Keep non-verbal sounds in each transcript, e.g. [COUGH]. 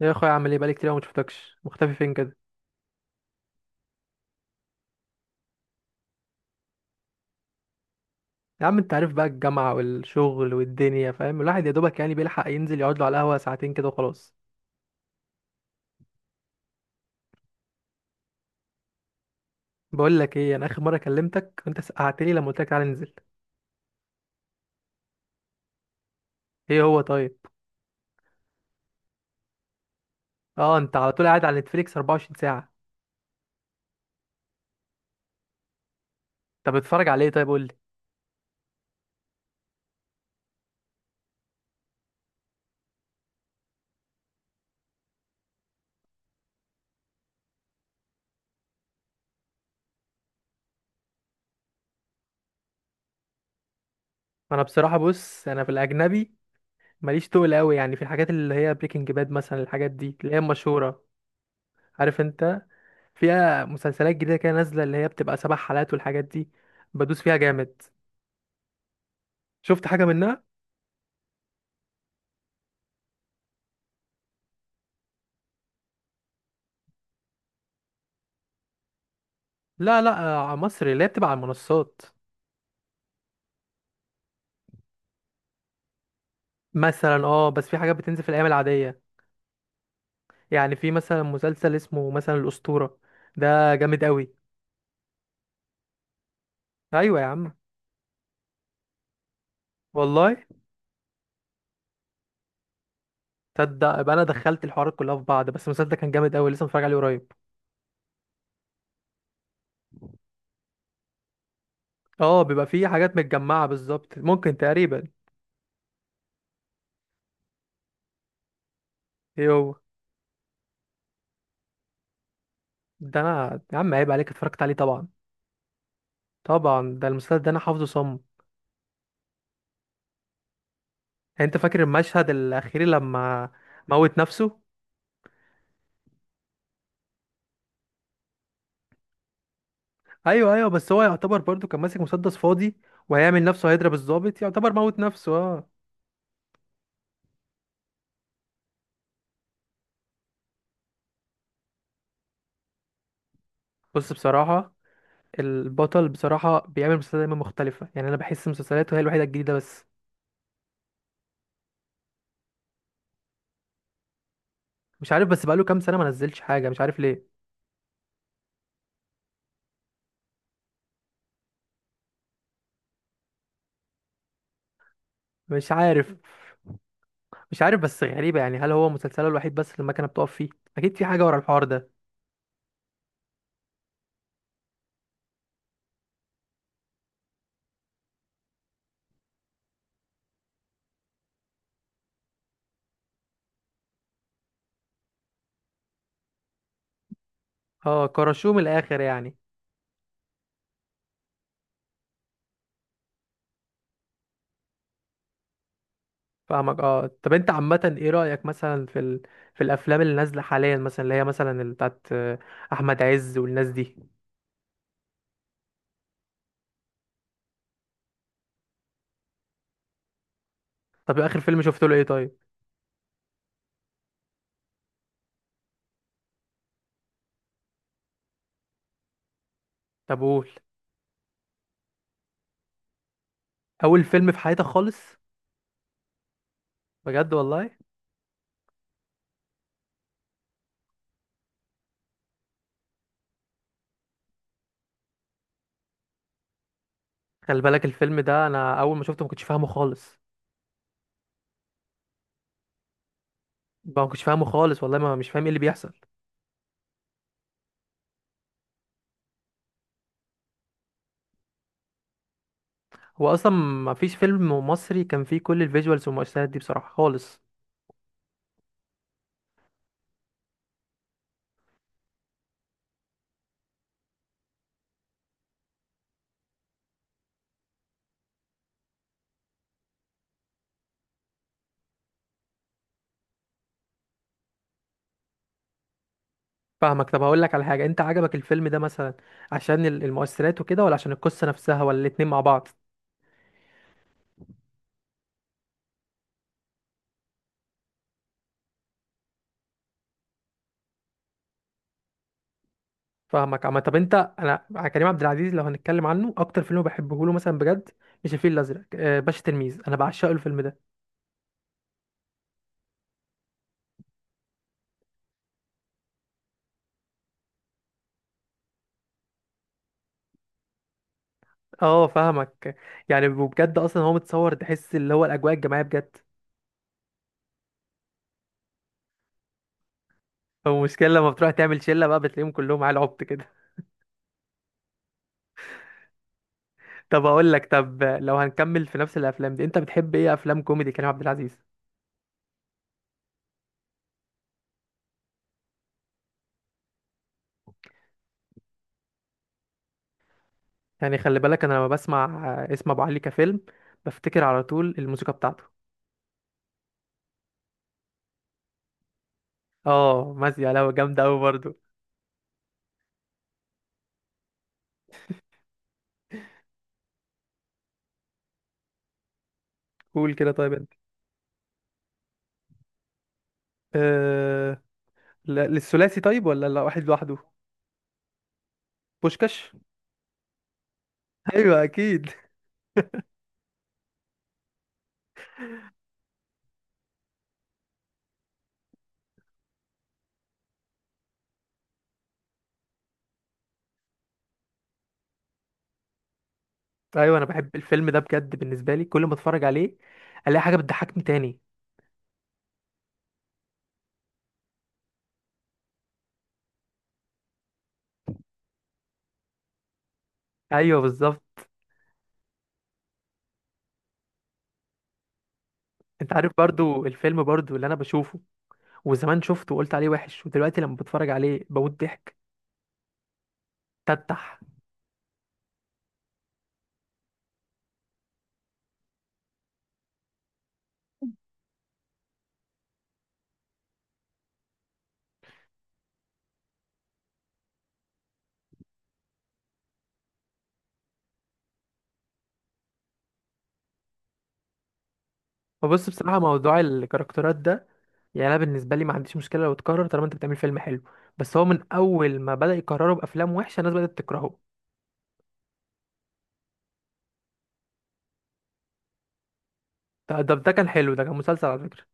يا اخويا، عامل ايه؟ بقالي كتير أوي ما شفتكش، مختفي فين كده؟ يا عم انت عارف بقى الجامعه والشغل والدنيا، فاهم، الواحد يا دوبك يعني بيلحق ينزل يقعد له على القهوه ساعتين كده وخلاص. بقول لك ايه، انا اخر مره كلمتك وانت سقعت لي لما قلت لك تعالى ننزل. ايه هو طيب؟ اه، انت على طول قاعد على نتفليكس 24 ساعه. طب بتتفرج على ايه طيب؟ قول لي. انا بصراحه بص، انا في الاجنبي ماليش تقل قوي، يعني في الحاجات اللي هي بريكنج باد مثلا، الحاجات دي اللي هي مشهوره. عارف انت، فيها مسلسلات جديده كده نازله اللي هي بتبقى سبع حلقات والحاجات دي، بدوس فيها جامد. شفت حاجه منها؟ لا لا. مصر اللي هي بتبقى على المنصات مثلا، اه. بس في حاجات بتنزل في الايام العاديه، يعني في مثلا مسلسل اسمه مثلا الاسطوره. ده جامد قوي. ايوه يا عم. والله تصدق يبقى انا دخلت الحوارات كلها في بعض، بس المسلسل ده كان جامد قوي، لسه متفرج عليه قريب. اه بيبقى فيه حاجات متجمعه بالظبط، ممكن تقريبا. ايه هو؟ ده انا يا عم عيب عليك اتفرجت عليه طبعا. طبعا ده المسلسل ده انا حافظه صم. انت فاكر المشهد الاخير لما؟ موت نفسه. ايوه ايوه، بس هو يعتبر برضو كان ماسك مسدس فاضي وهيعمل نفسه هيضرب الضابط، يعتبر موت نفسه اه. بص بصراحة، البطل بصراحة بيعمل مسلسلات دايما مختلفة، يعني انا بحس مسلسلاته هي الوحيدة الجديدة بس. مش عارف، بس بقاله كام سنة ما نزلش حاجة، مش عارف ليه. مش عارف مش عارف، بس غريبة يعني، هل هو مسلسله الوحيد بس اللي المكنة بتقف فيه؟ اكيد في حاجة ورا الحوار ده. اه كرشوه من الاخر يعني. فاهمك. اه طب انت عامة ايه رأيك مثلا في الافلام اللي نازلة حاليا مثلا، اللي هي مثلا اللي بتاعت احمد عز والناس دي. طب اخر فيلم شفت له ايه طيب؟ طب قول. اول فيلم في حياتك خالص؟ بجد والله. خلي بالك الفيلم ده انا اول ما شفته ما كنتش فاهمه خالص. ما كنتش فاهمه خالص والله، ما مش فاهم ايه اللي بيحصل. هو اصلا ما فيش فيلم مصري كان فيه كل الفيجوالز والمؤثرات دي بصراحه خالص. فاهمك. طب هقول لك على حاجه، انت عجبك الفيلم ده مثلا عشان المؤثرات وكده، ولا عشان القصه نفسها، ولا الاتنين مع بعض؟ فاهمك عم. طب انت، انا كريم عبد العزيز لو هنتكلم عنه اكتر فيلم بحبه له مثلا بجد مش الفيل الازرق، باشا تلميذ، انا بعشقه الفيلم ده. اه فاهمك. يعني وبجد اصلا هو متصور تحس اللي هو الاجواء الجماعيه بجد. هو المشكله لما بتروح تعمل شله بقى بتلاقيهم كلهم على عبط كده. [LAUGHS] طب اقول لك، طب لو هنكمل في نفس الافلام دي، انت بتحب ايه افلام كوميدي كريم عبد العزيز؟ يعني خلي بالك انا لما بسمع اسم ابو علي كفيلم بفتكر على طول الموسيقى بتاعته. اه مازية لو جامده قوي برضه. قول كده طيب انت. أه... لا- للثلاثي طيب؟ ولا لا واحد لوحده؟ بوشكاش. [LAUGHS] ايوه اكيد. ايوه انا بحب الفيلم ده بجد، بالنسبه لي كل ما اتفرج عليه الاقي حاجه بتضحكني تاني. ايوه بالظبط. انت عارف برضو الفيلم برضو اللي انا بشوفه وزمان شفته وقلت عليه وحش، ودلوقتي لما بتفرج عليه بموت ضحك. تتح. فبص بصراحه موضوع الكاركترات ده، يعني انا بالنسبه لي ما عنديش مشكله لو اتكرر طالما انت بتعمل فيلم حلو، بس هو من اول ما بدا يكرره بافلام وحشه الناس بدات تكرهه. ده كان حلو، ده كان مسلسل على فكره.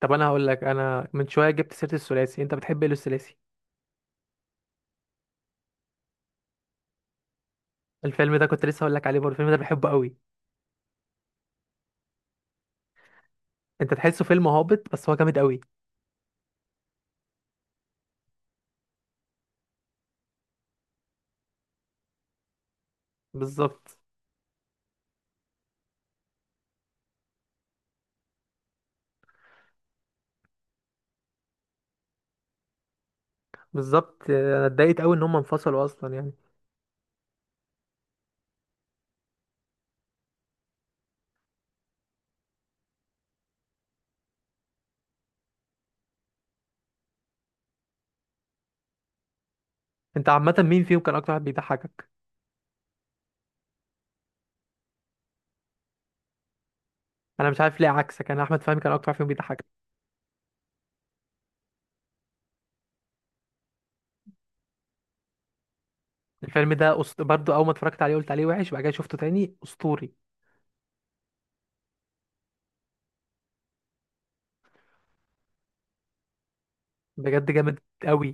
طب انا هقول لك، انا من شويه جبت سيره الثلاثي، انت بتحب ايه الثلاثي؟ الفيلم ده كنت لسه هقول لك عليه برضه، الفيلم ده بحبه قوي. انت تحسه فيلم هابط بس هو جامد قوي. بالظبط بالظبط. انا اتضايقت قوي ان هم انفصلوا اصلا يعني. انت عامه مين فيهم كان اكتر واحد بيضحكك؟ انا مش عارف ليه، عكسك، انا احمد فهمي كان اكتر واحد فيهم بيضحكك. الفيلم ده برضو اول ما اتفرجت عليه قلت عليه وحش، بعد كده شفته تاني اسطوري بجد، جامد قوي.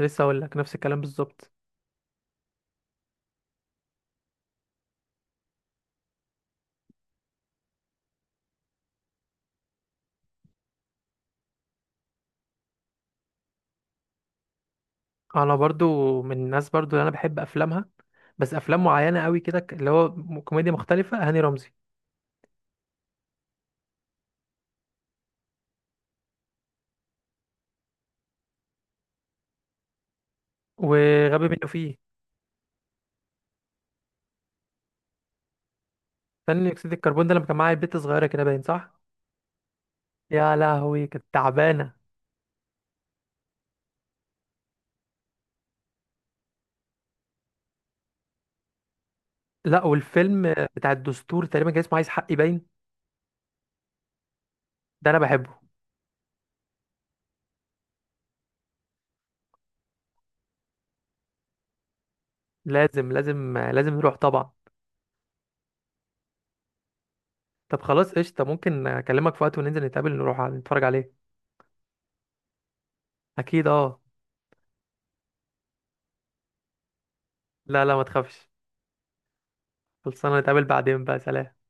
لسه اقول لك نفس الكلام بالظبط. انا برضو من الناس برضو اللي انا بحب افلامها، بس افلام معينه قوي كده، كوميديا مختلفه، هاني رمزي. وغبي منه فيه ثاني اكسيد الكربون، ده لما كان معايا البت صغيره كده باين صح. يا لهوي، كانت تعبانة. لا، والفيلم بتاع الدستور تقريبا كان اسمه عايز حقي باين. ده انا بحبه. لازم لازم لازم نروح طبعا. طب خلاص قشطة، ممكن اكلمك في وقت وننزل نتقابل نروح نتفرج عليه. اكيد اه. لا لا، ما تخافش. خلصانة، نتقابل بعدين بقى. سلام.